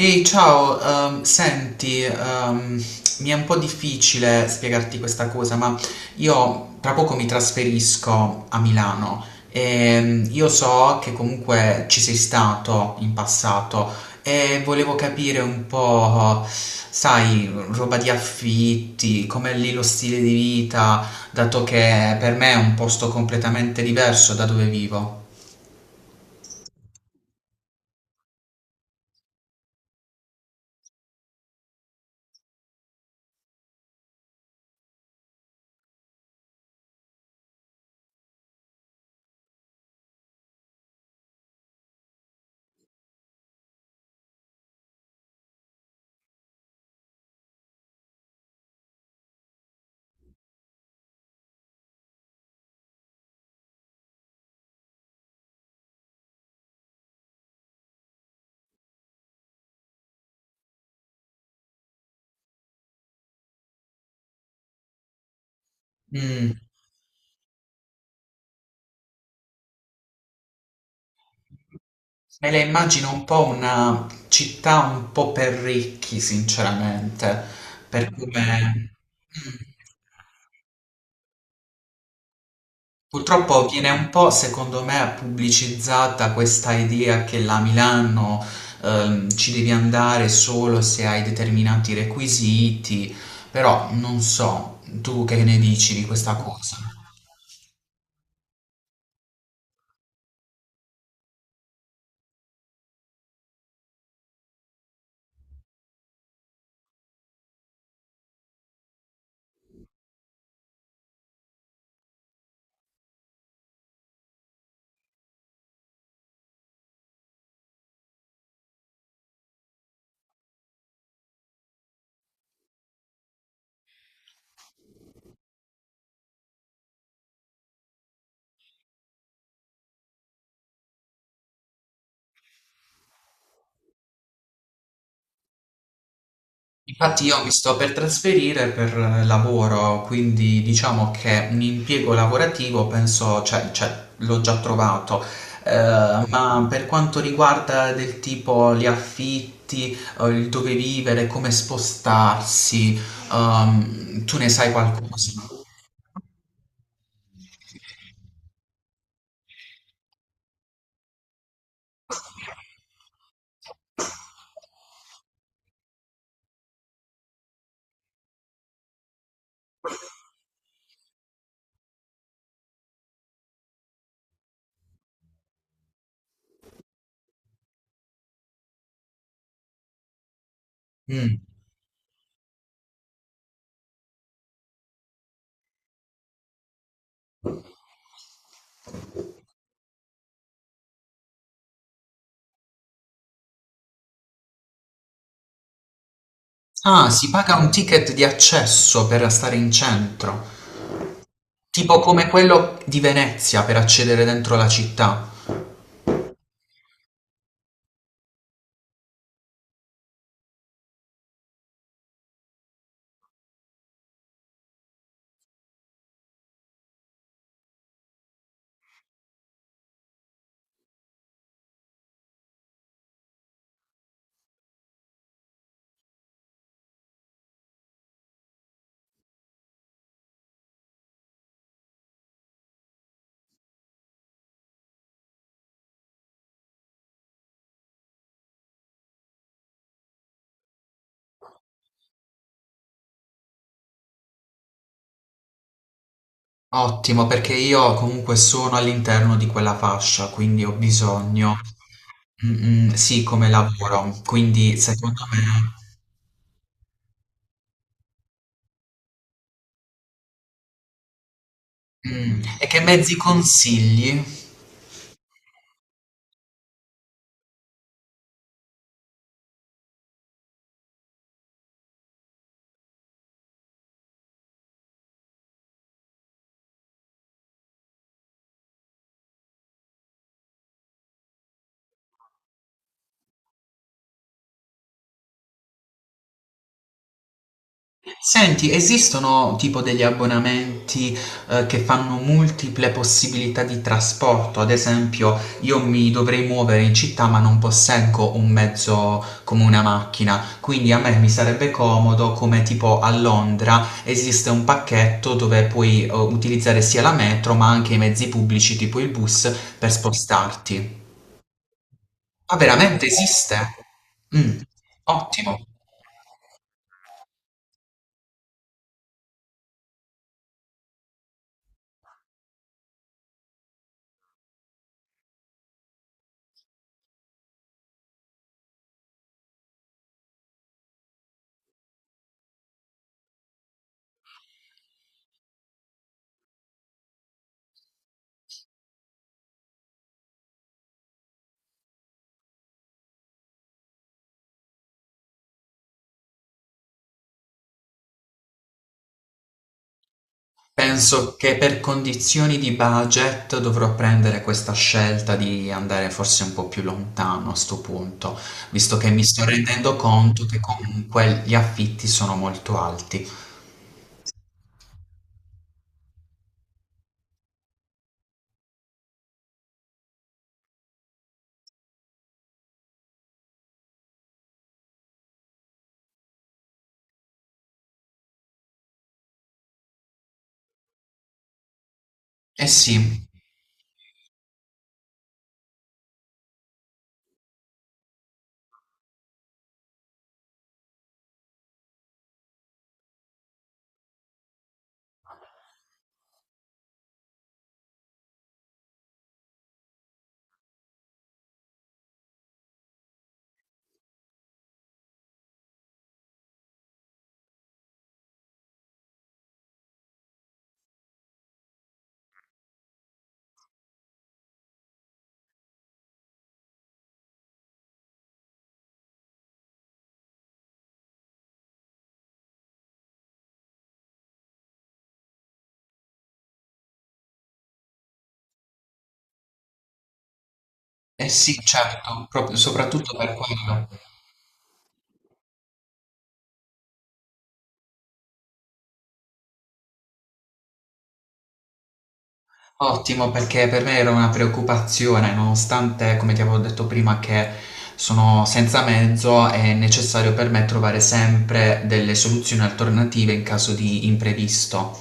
Ehi, ciao, senti, mi è un po' difficile spiegarti questa cosa, ma io tra poco mi trasferisco a Milano e io so che comunque ci sei stato in passato e volevo capire un po', sai, roba di affitti, com'è lì lo stile di vita, dato che per me è un posto completamente diverso da dove vivo. Mm. Me la immagino un po' una città un po' per ricchi, sinceramente, per come... Mm. Purtroppo viene un po', secondo me, pubblicizzata questa idea che la Milano ci devi andare solo se hai determinati requisiti, però non so, tu che ne dici di questa cosa? Infatti io mi sto per trasferire per lavoro, quindi diciamo che un impiego lavorativo penso, cioè, l'ho già trovato. Ma per quanto riguarda del tipo gli affitti, il dove vivere, come spostarsi, tu ne sai qualcosa? Mm. Ah, si paga un ticket di accesso per stare in centro, tipo come quello di Venezia per accedere dentro la città. Ottimo, perché io comunque sono all'interno di quella fascia, quindi ho bisogno mm, mm, sì, come lavoro, quindi secondo me... Mm, e che mezzi consigli? Senti, esistono tipo degli abbonamenti, che fanno multiple possibilità di trasporto? Ad esempio, io mi dovrei muovere in città, ma non posseggo un mezzo come una macchina, quindi a me mi sarebbe comodo, come tipo a Londra, esiste un pacchetto dove puoi, utilizzare sia la metro, ma anche i mezzi pubblici, tipo il bus, per spostarti. Ma veramente esiste? Mm, ottimo. Penso che per condizioni di budget dovrò prendere questa scelta di andare forse un po' più lontano a sto punto, visto che mi sto rendendo conto che comunque gli affitti sono molto alti. Eh sì, eh sì, certo, proprio soprattutto per quello. Ottimo, perché per me era una preoccupazione, nonostante, come ti avevo detto prima, che sono senza mezzo, è necessario per me trovare sempre delle soluzioni alternative in caso di imprevisto.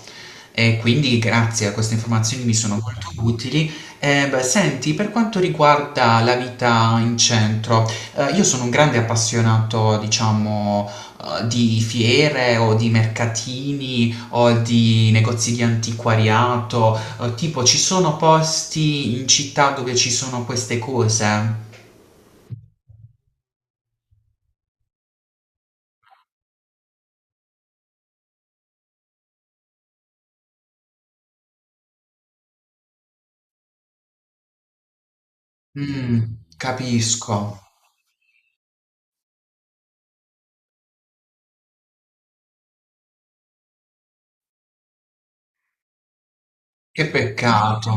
E quindi grazie a queste informazioni mi sono molto utili. E, beh, senti, per quanto riguarda la vita in centro, io sono un grande appassionato, diciamo, di fiere o di mercatini o di negozi di antiquariato. Tipo, ci sono posti in città dove ci sono queste cose? Mh, capisco. Che peccato.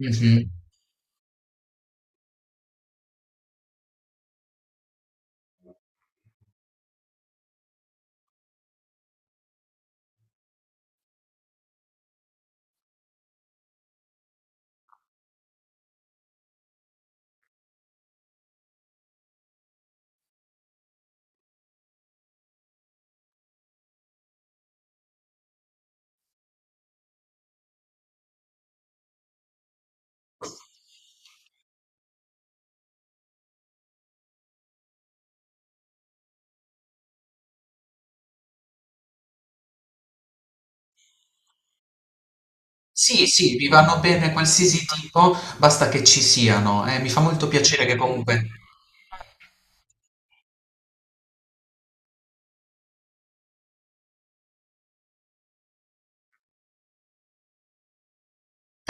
Mh-mh. Sì, sì, mi vanno bene qualsiasi tipo, basta che ci siano. Mi fa molto piacere che comunque...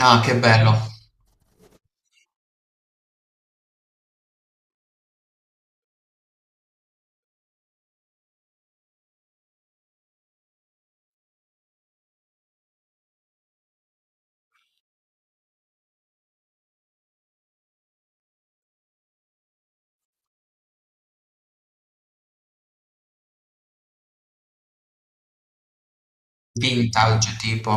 Ah, che bello. Vintage, tipo.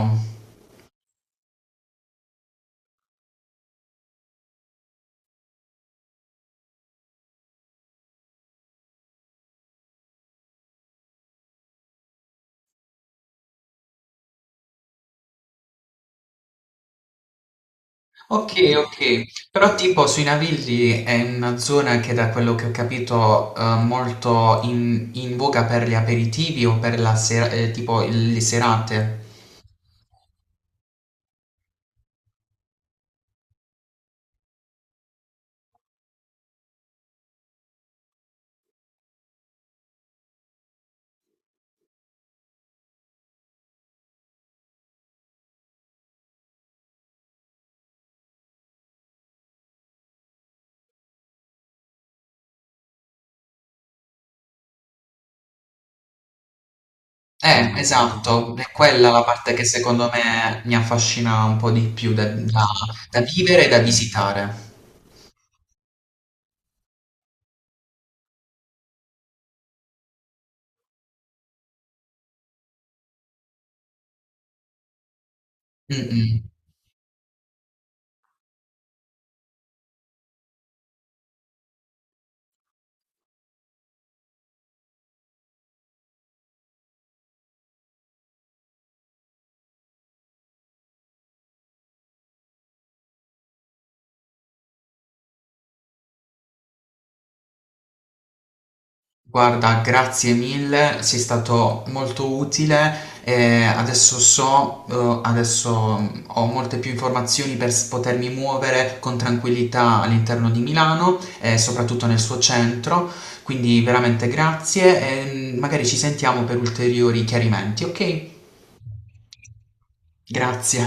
Ok, ok. Però tipo sui Navilli è una zona che da quello che ho capito molto in, in voga per gli aperitivi o per la sera, tipo le serate. Quindi esatto, è quella la parte che secondo me mi affascina un po' di più da, da vivere e da visitare. Mm, mm. Guarda, grazie mille, sei stato molto utile. E adesso so, adesso mm, ho molte più informazioni per potermi muovere con tranquillità all'interno di Milano e soprattutto nel suo centro. Quindi veramente grazie e mm, magari ci sentiamo per ulteriori chiarimenti, ok? Grazie.